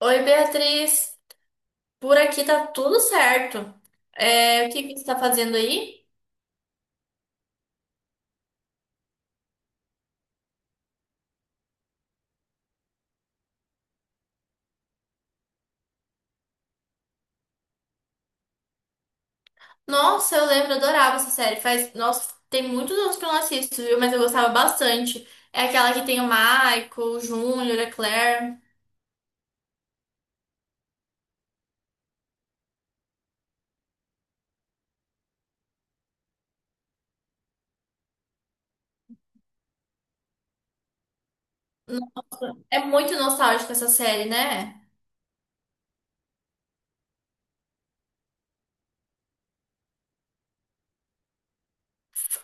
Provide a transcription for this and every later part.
Oi, Beatriz. Por aqui tá tudo certo. É, o que você tá fazendo aí? Nossa, eu lembro, eu adorava essa série. Faz, nossa, tem muitos anos que eu não assisto, viu? Mas eu gostava bastante. É aquela que tem o Michael, o Júnior, a Claire. É muito nostálgica essa série, né?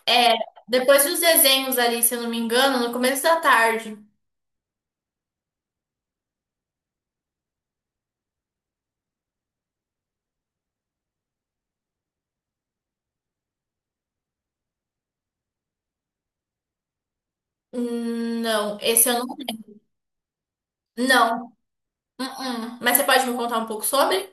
É, depois dos desenhos ali, se eu não me engano, no começo da tarde. Não, esse eu não. Não. Uh-uh. Mas você pode me contar um pouco sobre?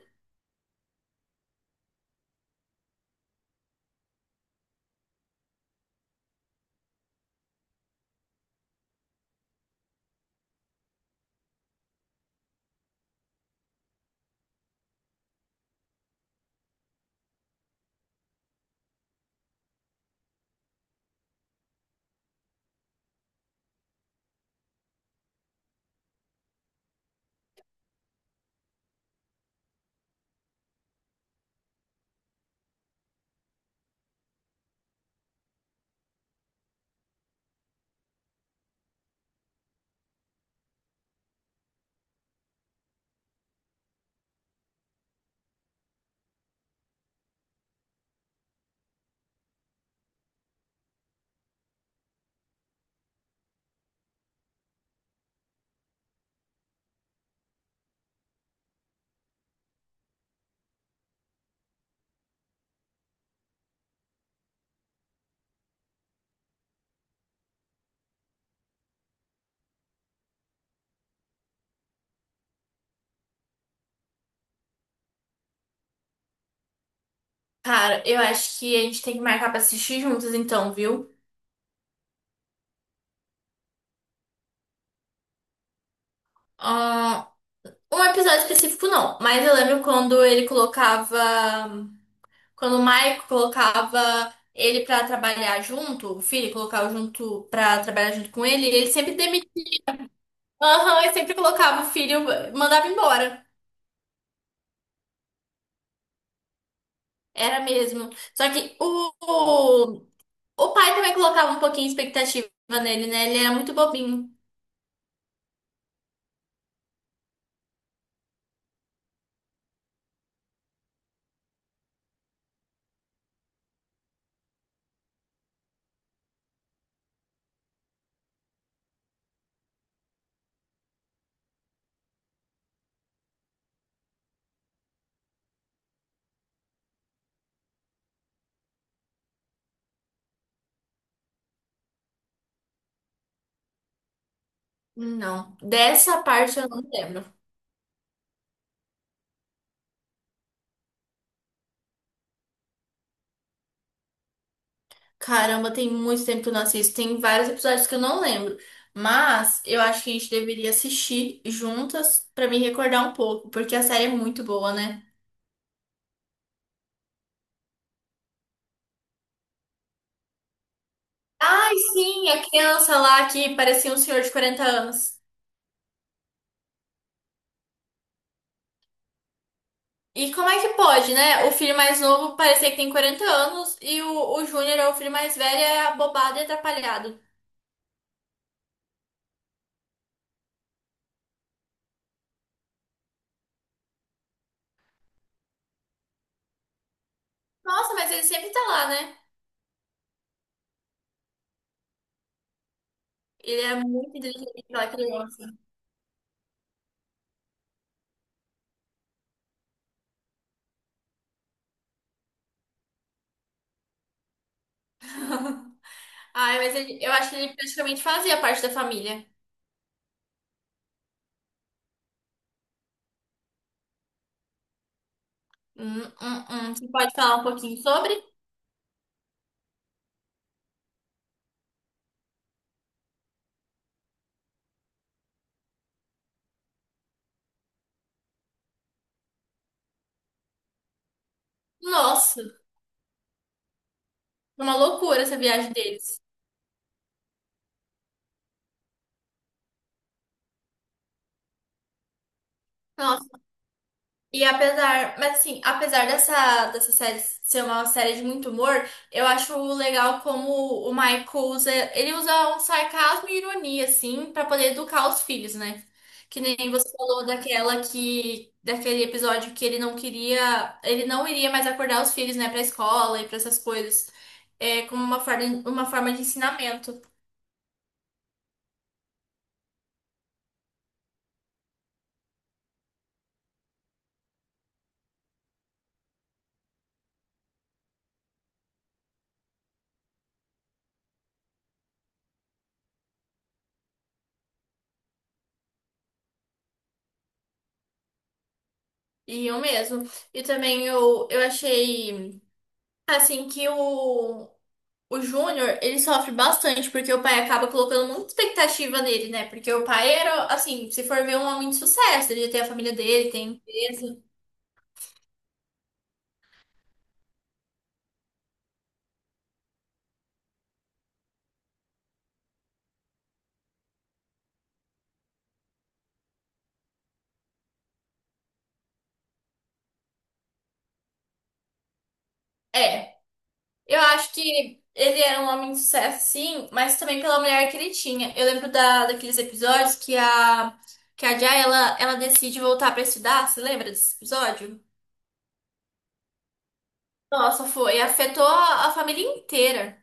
Cara, eu acho que a gente tem que marcar pra assistir juntos, então, viu? Ah, um episódio específico não, mas eu lembro quando ele colocava, quando o Michael colocava ele pra trabalhar junto, o filho colocava junto pra trabalhar junto com ele, ele sempre demitia, aham, ele sempre colocava o filho, mandava embora. Era mesmo. Só que o pai também colocava um pouquinho de expectativa nele, né? Ele era muito bobinho. Não, dessa parte eu não lembro. Caramba, tem muito tempo que eu não assisto. Tem vários episódios que eu não lembro. Mas eu acho que a gente deveria assistir juntas pra me recordar um pouco, porque a série é muito boa, né? Ai, sim, a criança lá que parecia um senhor de 40 anos. E como é que pode, né? O filho mais novo parecer que tem 40 anos e o Júnior é o filho mais velho, é abobado e atrapalhado. Nossa, mas ele sempre tá lá, né? Ele é muito inteligente, aquela criança. Ai, mas ele- eu acho que ele praticamente fazia parte da família. Você pode falar um pouquinho sobre? Nossa, foi uma loucura essa viagem deles. Nossa, e apesar, mas assim, apesar dessa série ser uma série de muito humor, eu acho legal como o Michael usa, ele usa um sarcasmo e ironia, assim, pra poder educar os filhos, né? Que nem você falou daquela que, daquele episódio que ele não queria, ele não iria mais acordar os filhos, né, pra escola e pra essas coisas. É como uma forma de ensinamento. Iam mesmo. E também eu achei, assim, que o Júnior, ele sofre bastante, porque o pai acaba colocando muita expectativa nele, né? Porque o pai era, assim, se for ver, um homem de sucesso. Ele tem a família dele, tem empresa. É, eu acho que ele era um homem de sucesso, sim, mas também pela mulher que ele tinha. Eu lembro da, daqueles episódios que a Jay, ela decide voltar pra estudar. Você lembra desse episódio? Nossa, foi. Afetou a família inteira.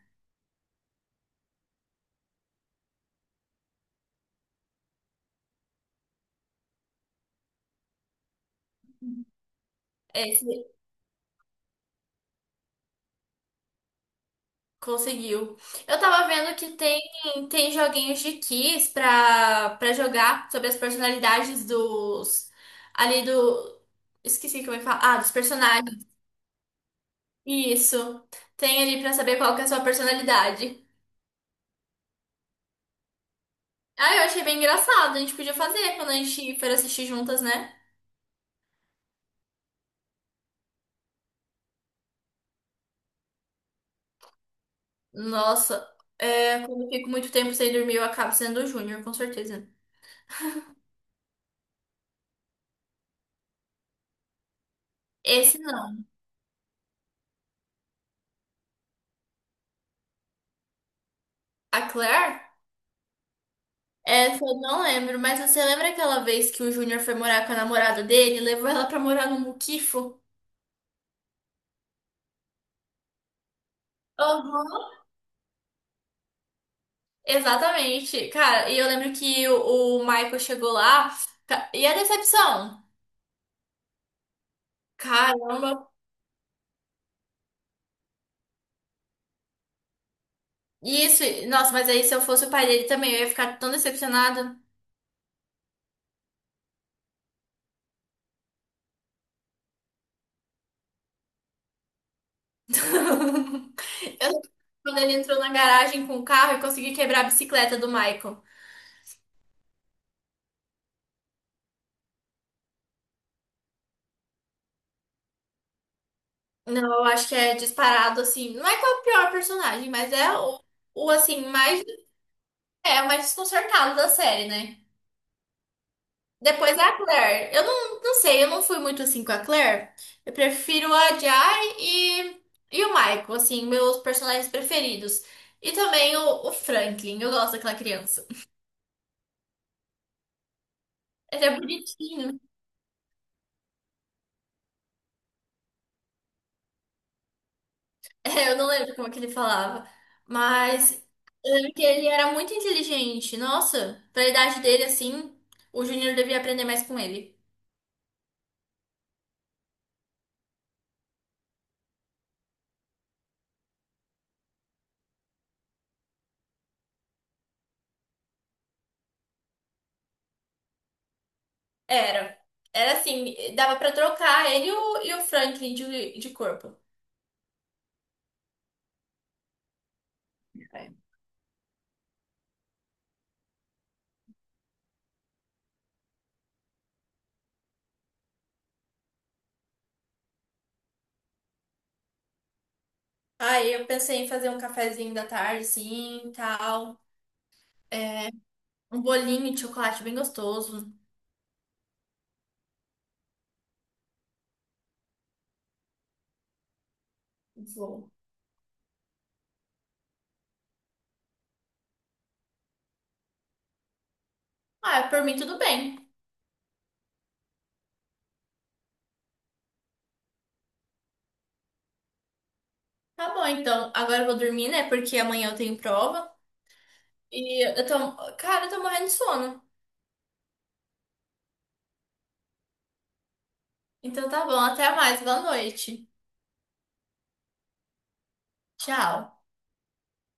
É, conseguiu. Eu tava vendo que tem, tem joguinhos de quiz pra, pra jogar sobre as personalidades dos. Ali do. Esqueci como é que fala. Ah, dos personagens. Isso. Tem ali pra saber qual que é a sua personalidade. Ah, eu achei bem engraçado. A gente podia fazer quando a gente for assistir juntas, né? Nossa, é, quando eu fico muito tempo sem dormir, eu acabo sendo o Júnior, com certeza. Esse não. A Claire? Essa eu não lembro, mas você lembra aquela vez que o Júnior foi morar com a namorada dele, levou ela pra morar no Muquifo? Aham. Exatamente. Cara, e eu lembro que o Michael chegou lá, ca- e a decepção? Caramba. Isso, nossa, mas aí se eu fosse o pai dele também, eu ia ficar tão decepcionada. Eu, quando ele entrou na garagem com o carro, eu consegui quebrar a bicicleta do Michael. Não, eu acho que é disparado, assim. Não é qual é o pior personagem, mas é o assim, mais. É, a mais desconcertada da série, né? Depois a Claire. Eu não, não sei, eu não fui muito assim com a Claire. Eu prefiro a Jai e o Michael, assim, meus personagens preferidos. E também o Franklin, eu gosto daquela criança. Ele é bonitinho. É, eu não lembro como que ele falava. Mas eu lembro que ele era muito inteligente. Nossa, pra idade dele, assim, o Junior devia aprender mais com ele. Era. Era assim, dava pra trocar ele e o Franklin de corpo. Aí eu pensei em fazer um cafezinho da tarde, sim, tal. É, um bolinho de chocolate bem gostoso. Vou. Ah, é, por mim tudo bem. Tá bom, então. Agora eu vou dormir, né? Porque amanhã eu tenho prova. E eu tô... Cara, eu tô morrendo de sono. Então tá bom, até mais. Boa noite. Tchau.